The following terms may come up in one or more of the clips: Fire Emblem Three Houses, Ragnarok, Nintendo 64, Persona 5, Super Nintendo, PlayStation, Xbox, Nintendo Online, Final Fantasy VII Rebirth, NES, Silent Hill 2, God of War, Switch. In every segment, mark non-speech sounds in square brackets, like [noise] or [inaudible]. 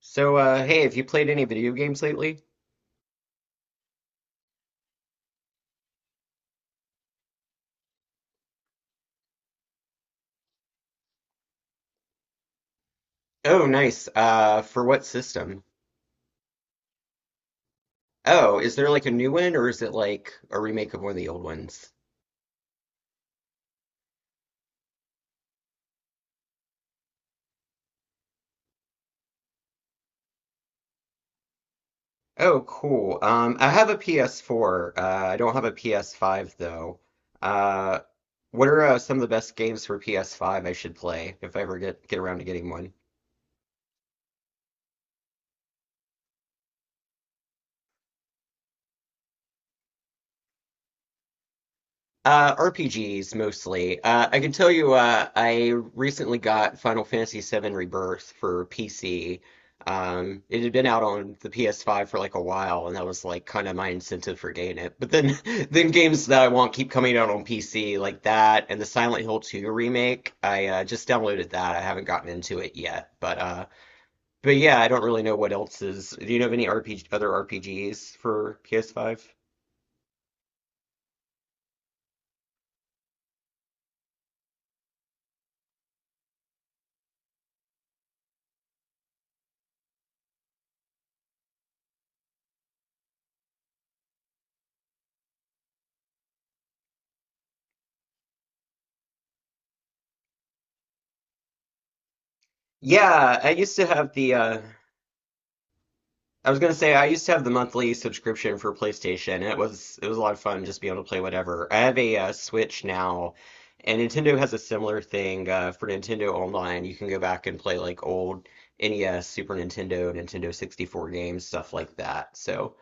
So, hey, have you played any video games lately? Oh, nice. For what system? Oh, is there like a new one or is it like a remake of one of the old ones? Oh, cool. I have a PS4. I don't have a PS5 though. Uh, what are some of the best games for PS5 I should play if I ever get around to getting one? RPGs mostly. I can tell you, I recently got Final Fantasy VII Rebirth for PC. It had been out on the PS5 for like a while, and that was like kind of my incentive for getting it. But then, [laughs] then games that I want keep coming out on PC, like that, and the Silent Hill 2 remake. I just downloaded that. I haven't gotten into it yet, but yeah, I don't really know what else is. Do you know of any RPG, other RPGs for PS5? Yeah, I used to have the I was gonna say I used to have the monthly subscription for PlayStation, and it was a lot of fun just being able to play whatever. I have a Switch now, and Nintendo has a similar thing for Nintendo Online. You can go back and play like old NES, Super Nintendo, Nintendo 64 games, stuff like that. So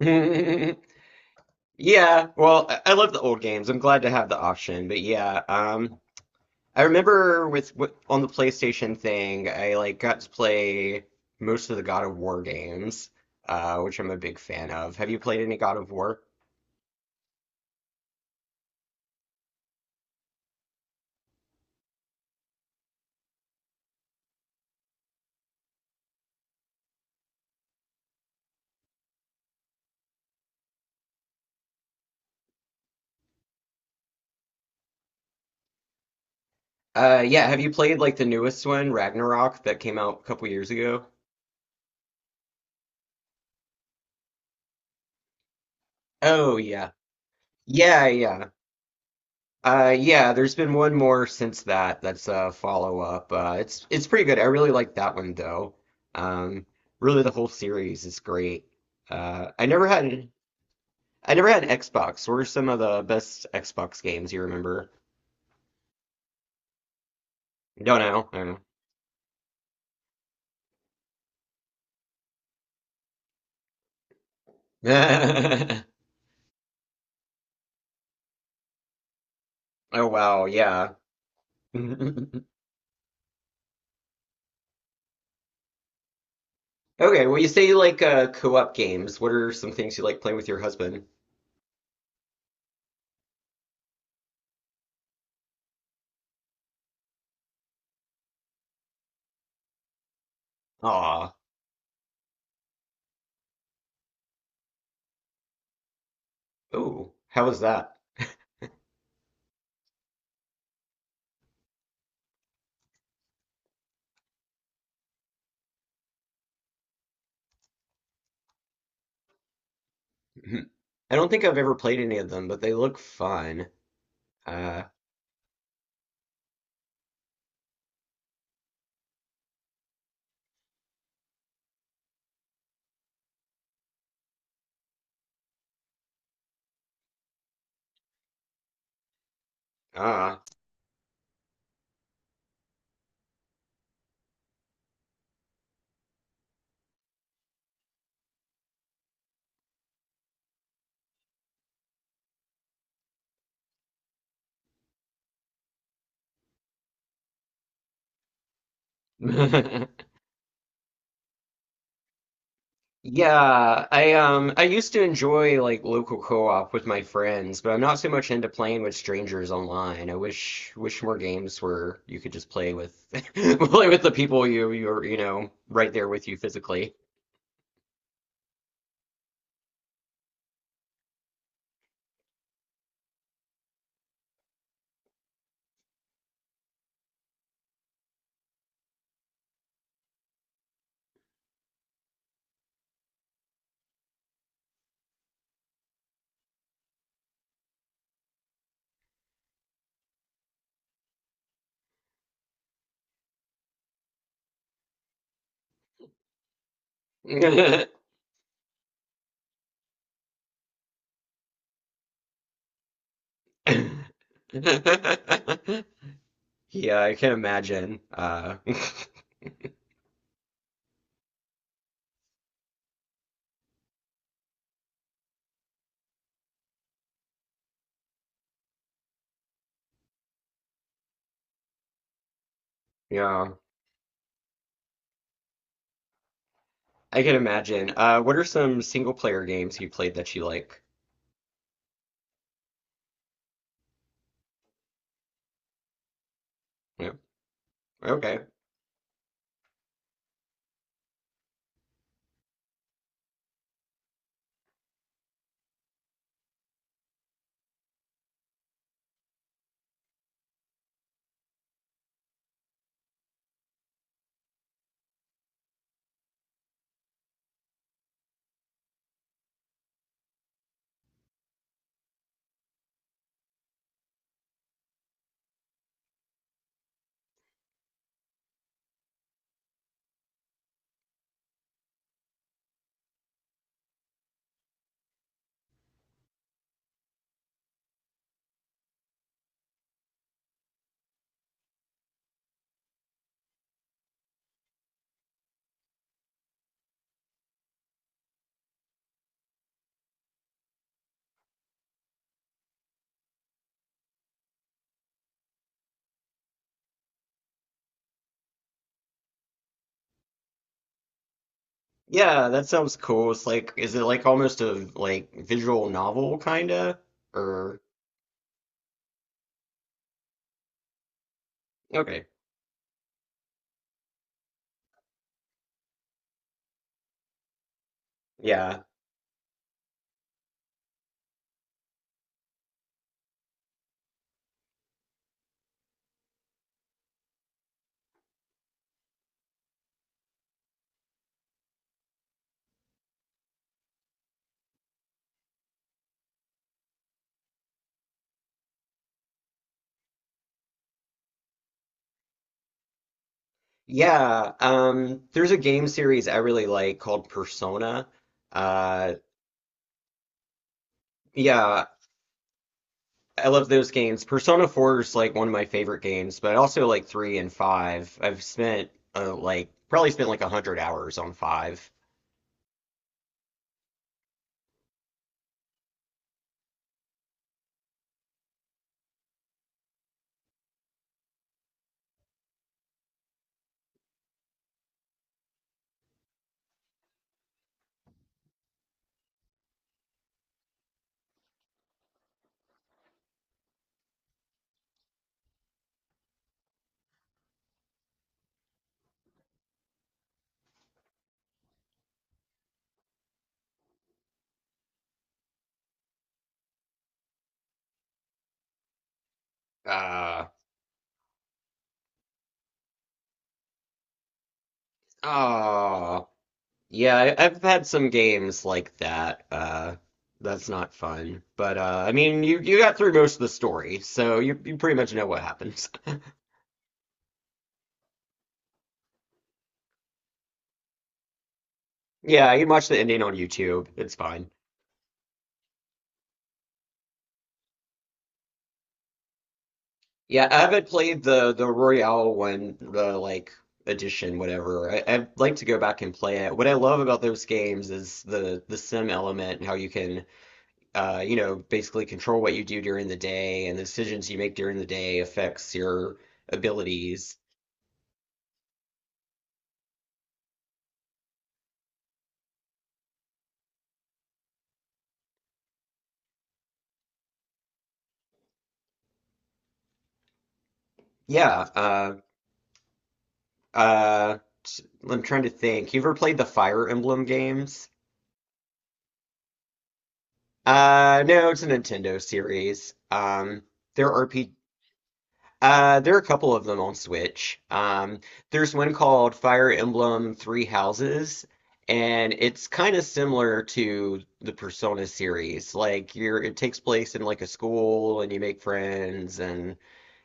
[laughs] yeah, well, I love the old games. I'm glad to have the option, but yeah, I remember on the PlayStation thing, I like got to play most of the God of War games, which I'm a big fan of. Have you played any God of War? Yeah. Have you played like the newest one, Ragnarok, that came out a couple years ago? Oh yeah, yeah, yeah. Yeah. There's been one more since that. That's a follow up. It's pretty good. I really like that one though. Um, Really, the whole series is great. Uh, I never had. I never had an Xbox. What are some of the best Xbox games you remember? Don't know. I don't know. [laughs] Oh wow, yeah. [laughs] Okay, well you say you like co-op games. What are some things you like playing with your husband? Aw. Ooh, how was that? [laughs] I don't think I've ever played any of them, but they look fun. Uh, ah. [laughs] Yeah, I used to enjoy like local co-op with my friends, but I'm not so much into playing with strangers online. I wish more games where you could just play with [laughs] play with the people you're right there with you physically. [laughs] Yeah, I can imagine. [laughs] Yeah, I can imagine. What are some single player games you played that you like? Yeah. Okay. Yeah, that sounds cool. It's like, is it like almost a like visual novel kinda? Or? Okay. Yeah. Yeah. There's a game series I really like called Persona. Uh, yeah, I love those games. Persona 4 is like one of my favorite games, but I also like 3 and 5. I've spent like probably spent like 100 hours on 5. Uh, oh. Yeah, I've had some games like that. That's not fun. But I mean, you got through most of the story, so you pretty much know what happens. [laughs] Yeah, you can watch the ending on YouTube. It's fine. Yeah, I haven't played the Royale one, the like edition, whatever. I'd like to go back and play it. What I love about those games is the sim element and how you can basically control what you do during the day and the decisions you make during the day affects your abilities. Yeah, Uh, t- I'm trying to think. You ever played the Fire Emblem games? No, it's a Nintendo series. There are P there are a couple of them on Switch. There's one called Fire Emblem Three Houses, and it's kind of similar to the Persona series. Like you're, it takes place in like a school, and you make friends, and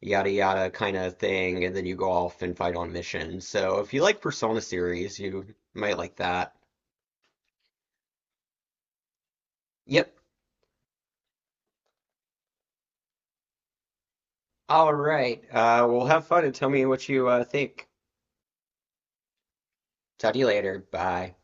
yada yada kind of thing, and then you go off and fight on missions. So if you like Persona series, you might like that. Yep. All right. Well, have fun and tell me what you think. Talk to you later. Bye.